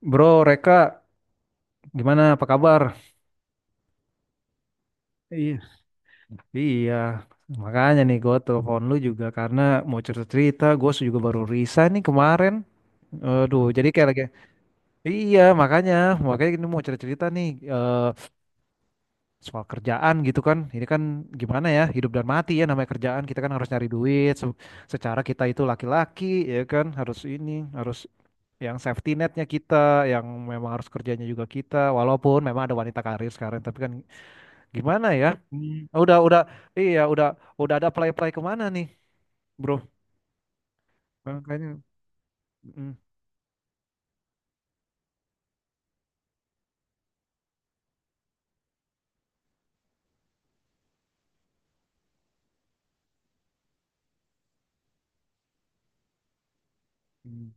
Bro, Reka, gimana? Apa kabar? Iya, iya. Makanya nih gue telepon lu juga karena mau cerita-cerita. Gue juga baru resign nih kemarin. Aduh, jadi kayak lagi. Iya, makanya ini mau cerita-cerita nih eh, soal kerjaan gitu kan. Ini kan gimana ya, hidup dan mati ya namanya kerjaan. Kita kan harus nyari duit. Secara kita itu laki-laki, ya kan, harus ini, harus yang safety netnya kita, yang memang harus kerjanya juga kita, walaupun memang ada wanita karir sekarang, tapi kan gimana ya? Hmm. Udah, iya, udah ada play-play kemana nih, bro? Kayaknya, mm, mm,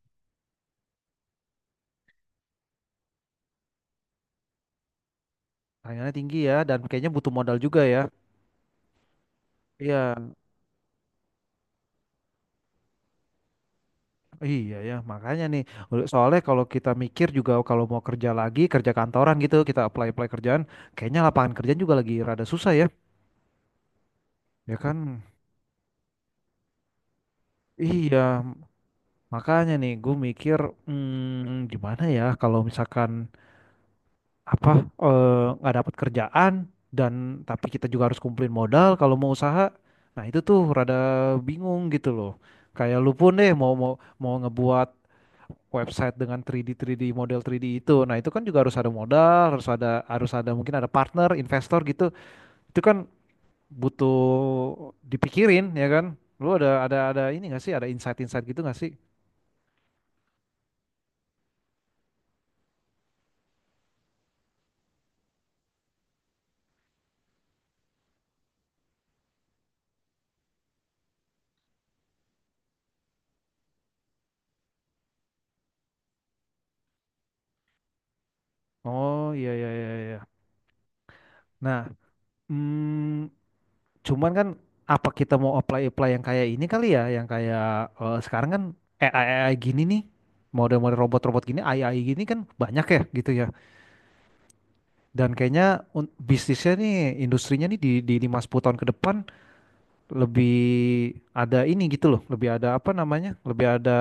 tayangannya tinggi ya, dan kayaknya butuh modal juga ya. Iya, iya ya, makanya nih. Soalnya kalau kita mikir juga kalau mau kerja lagi, kerja kantoran gitu, kita apply-apply kerjaan, kayaknya lapangan kerjaan juga lagi rada susah ya. Ya kan? Iya, makanya nih, gue mikir, gimana ya kalau misalkan apa nggak dapat kerjaan dan tapi kita juga harus kumpulin modal kalau mau usaha. Nah, itu tuh rada bingung gitu loh. Kayak lu pun deh mau mau mau ngebuat website dengan 3D 3D model 3D itu. Nah, itu kan juga harus ada modal, harus ada mungkin ada partner, investor gitu. Itu kan butuh dipikirin ya kan. Lu ada ini nggak sih? Ada insight-insight gitu nggak sih? Oh, iya iya iya iya. Nah, mm, cuman kan apa kita mau apply-apply yang kayak ini kali ya, yang kayak sekarang kan AI, AI gini nih, model-model robot-robot gini, AI gini kan banyak ya gitu ya. Dan kayaknya bisnisnya nih, industrinya nih di 5-10 tahun ke depan lebih ada ini gitu loh, lebih ada apa namanya, lebih ada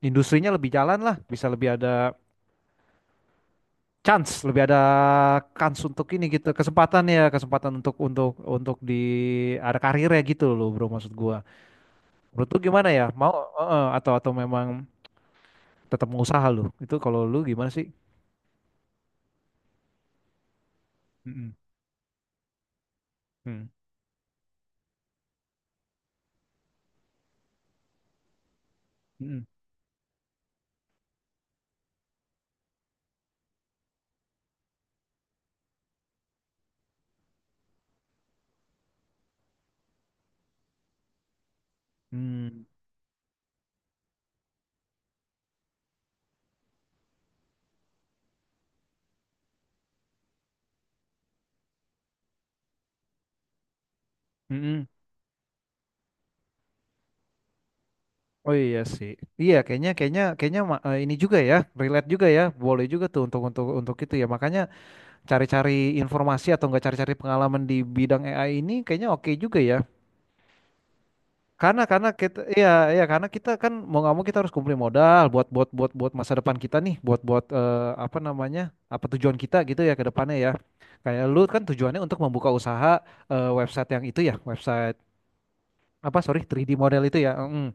industrinya lebih jalan lah, bisa lebih ada chance, lebih ada kans untuk ini gitu, kesempatan ya, kesempatan untuk di ada karirnya gitu loh bro maksud gua. Menurut lu gimana ya? Mau atau memang tetap mau usaha lu? Itu kalau lu gimana sih? Mm-mm. Mm. Mm-mm. Mm. Mm-mm. Oh iya sih. Iya kayaknya kayaknya kayaknya ini juga ya, relate juga ya. Boleh juga tuh untuk itu ya. Makanya cari-cari informasi atau enggak cari-cari pengalaman di bidang AI ini kayaknya oke juga ya. Karena kita iya iya karena kita kan mau nggak mau kita harus kumpulin modal buat buat buat buat masa depan kita nih, buat buat apa namanya? Apa tujuan kita gitu ya ke depannya ya. Kayak lu kan tujuannya untuk membuka usaha website yang itu ya, website apa sorry 3D model itu ya. Mm.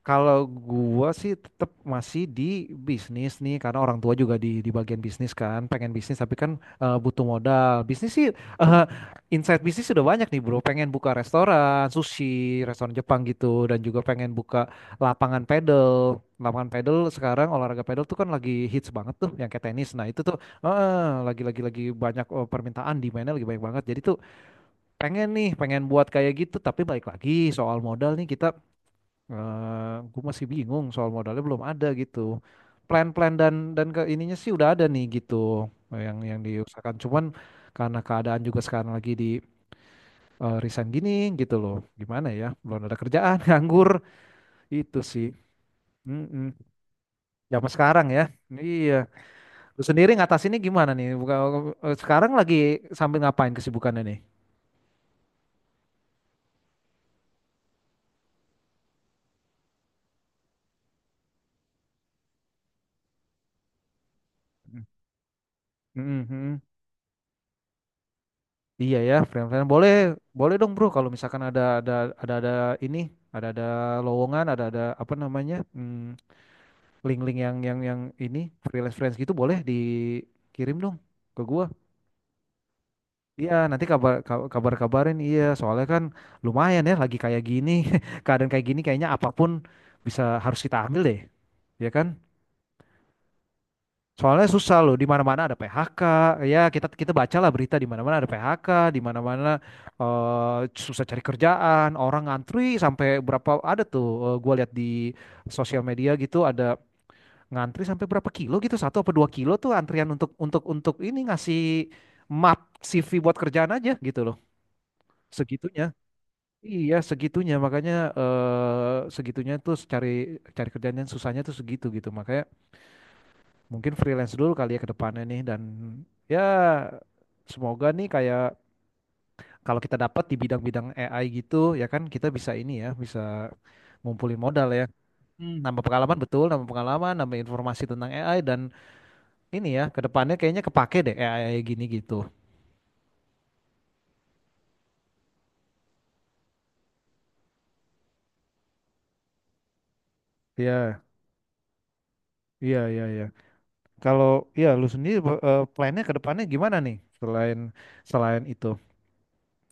Kalau gua sih tetap masih di bisnis nih karena orang tua juga di bagian bisnis kan, pengen bisnis tapi kan butuh modal. Bisnis sih insight bisnis sudah banyak nih, Bro. Pengen buka restoran sushi, restoran Jepang gitu dan juga pengen buka lapangan pedal. Lapangan pedal sekarang olahraga pedal tuh kan lagi hits banget tuh yang kayak tenis. Nah, itu tuh lagi banyak permintaan di mana lagi banyak banget. Jadi tuh pengen nih, pengen buat kayak gitu tapi balik lagi soal modal nih kita gue masih bingung soal modalnya belum ada gitu. Plan-plan dan ke ininya sih udah ada nih gitu yang diusahakan. Cuman karena keadaan juga sekarang lagi di resign gini gitu loh. Gimana ya? Belum ada kerjaan, nganggur itu sih. Mm-mm. Zaman sekarang ya. Iya. Lu sendiri ngatasinnya gimana nih? Bukan, sekarang lagi sambil ngapain kesibukannya nih? Mm-mm. Iya ya, friend-friend boleh boleh dong bro kalau misalkan ada ini ada lowongan ada apa namanya link-link yang ini freelance freelance gitu boleh dikirim dong ke gua. Iya nanti kabar kabar kabarin iya soalnya kan lumayan ya lagi kayak gini keadaan kayak gini kayaknya apapun bisa harus kita ambil deh ya kan? Soalnya susah loh, di mana-mana ada PHK. Ya, kita kita bacalah berita di mana-mana ada PHK, di mana-mana susah cari kerjaan, orang ngantri sampai berapa ada tuh gua lihat di sosial media gitu ada ngantri sampai berapa kilo gitu, satu apa dua kilo tuh antrian untuk ini ngasih map CV buat kerjaan aja gitu loh. Segitunya. Iya, segitunya makanya segitunya tuh cari cari kerjaan yang susahnya tuh segitu gitu. Makanya mungkin freelance dulu kali ya ke depannya nih dan ya semoga nih kayak kalau kita dapat di bidang-bidang AI gitu ya kan kita bisa ini ya bisa ngumpulin modal ya. Hmm. Nambah pengalaman betul nambah pengalaman nambah informasi tentang AI dan ini ya ke depannya kayaknya kepake deh AI gini gitu. Iya, iya, iya, iya. Kalau ya lu sendiri plannya ke depannya gimana nih selain selain itu?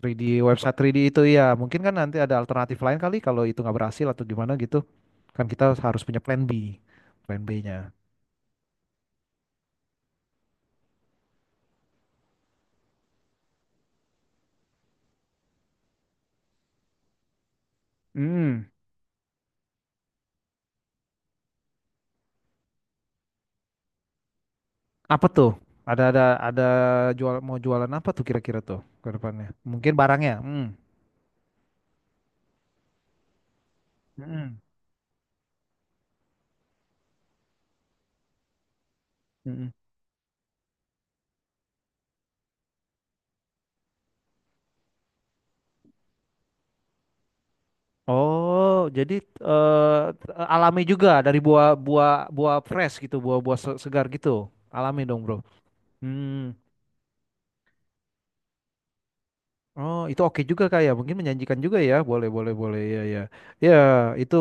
3D website 3D itu ya mungkin kan nanti ada alternatif lain kali kalau itu nggak berhasil atau gimana gitu kan kita harus punya plan B plan B-nya hmm apa tuh ada ada ada jual mau jualan apa tuh kira-kira tuh ke depannya mungkin barangnya hmm. Mm-mm. Mm-mm. Oh jadi eh, alami juga dari buah buah buah fresh gitu buah-buah segar gitu alami dong bro hmm. Oh, itu oke juga kak ya. Mungkin menjanjikan juga ya. Boleh, boleh, boleh. Ya, ya. Ya, itu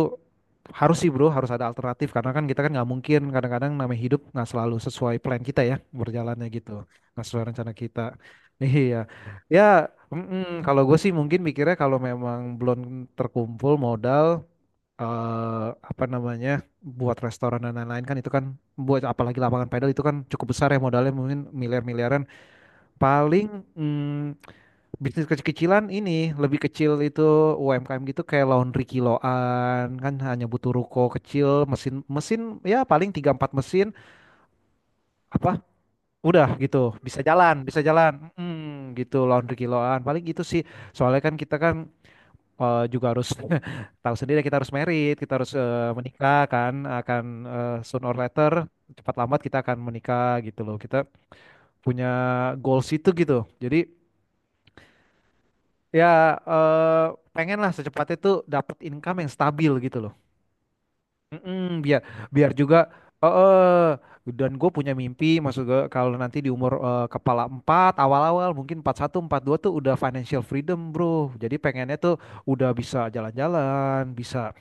harus sih bro, harus ada alternatif. Karena kan kita kan nggak mungkin kadang-kadang namanya hidup nggak selalu sesuai plan kita ya. Berjalannya gitu. Nggak sesuai rencana kita. Iya. Ya, mm-mm. Kalau gue sih mungkin mikirnya kalau memang belum terkumpul modal, eh apa namanya, buat restoran dan lain-lain kan itu kan, buat apalagi lapangan pedal itu kan cukup besar ya modalnya mungkin miliar-miliaran. Paling... mm, bisnis kecil-kecilan ini lebih kecil itu UMKM gitu kayak laundry kiloan kan hanya butuh ruko kecil mesin mesin ya paling tiga empat mesin apa udah gitu bisa jalan bisa jalan. Gitu laundry kiloan paling gitu sih soalnya kan kita kan juga harus tahu sendiri kita harus merit kita harus menikah kan akan soon or later cepat lambat kita akan menikah gitu loh kita punya goals itu gitu jadi. Ya, pengen lah secepatnya tuh dapat income yang stabil gitu loh. Mm-mm, biar biar juga eh eh, dan gue punya mimpi maksud gue kalau nanti di umur kepala 4 awal-awal mungkin empat satu empat dua tuh udah financial freedom, bro. Jadi pengennya tuh udah bisa jalan-jalan, bisa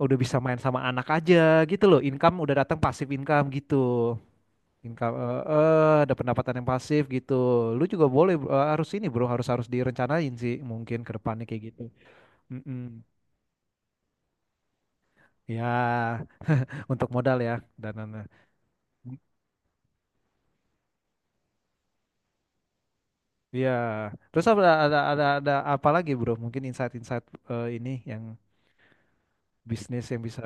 udah bisa main sama anak aja gitu loh. Income udah datang pasif income gitu. Income ada pendapatan yang pasif gitu. Lu juga boleh harus ini, bro, harus harus direncanain sih mungkin ke depannya kayak gitu. Mm-mm. Ya, untuk modal ya dan ya. Terus apa lagi, Bro? Mungkin insight-insight ini yang bisnis yang bisa.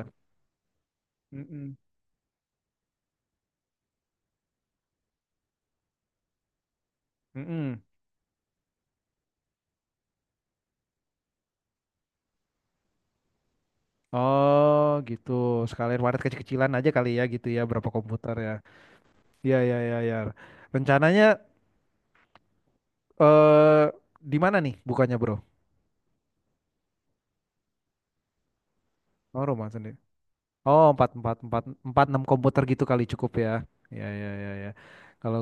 Mm-mm. Mm-mm. Oh, gitu. Sekalian waret kecil-kecilan aja kali ya gitu ya, berapa komputer ya. Iya, iya, iya, ya. Rencananya eh di mana nih bukannya, Bro? Oh, rumah sendiri. Oh, empat empat empat empat enam komputer gitu kali cukup ya. Ya, ya, ya, ya. Kalau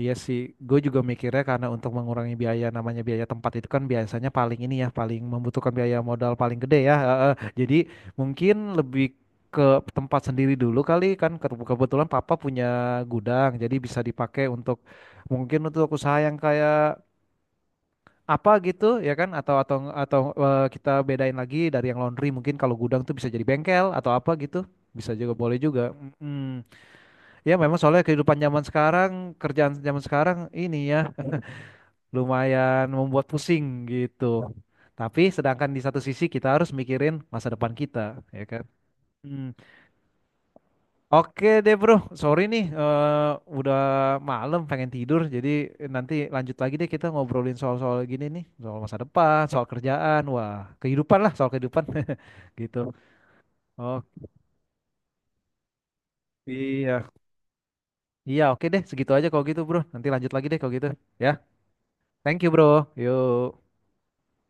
Iya sih, gue juga mikirnya karena untuk mengurangi biaya namanya biaya tempat itu kan biasanya paling ini ya, paling membutuhkan biaya modal paling gede ya. Heeh. Jadi mungkin lebih ke tempat sendiri dulu kali kan Kebetulan papa punya gudang, jadi bisa dipakai untuk mungkin untuk usaha yang kayak apa gitu ya kan atau kita bedain lagi dari yang laundry mungkin kalau gudang tuh bisa jadi bengkel atau apa gitu. Bisa juga boleh juga. Mm, Ya memang soalnya kehidupan zaman sekarang, kerjaan zaman sekarang ini ya lumayan membuat pusing gitu. Tapi sedangkan di satu sisi kita harus mikirin masa depan kita, ya kan? Hmm. Oke deh bro, sorry nih udah malam pengen tidur. Jadi nanti lanjut lagi deh kita ngobrolin soal-soal gini nih, soal masa depan, soal kerjaan, wah kehidupan lah soal kehidupan gitu. Oh iya, iya oke deh segitu aja kalau gitu bro. Nanti lanjut lagi deh kalau gitu. Ya, thank you bro. Yuk.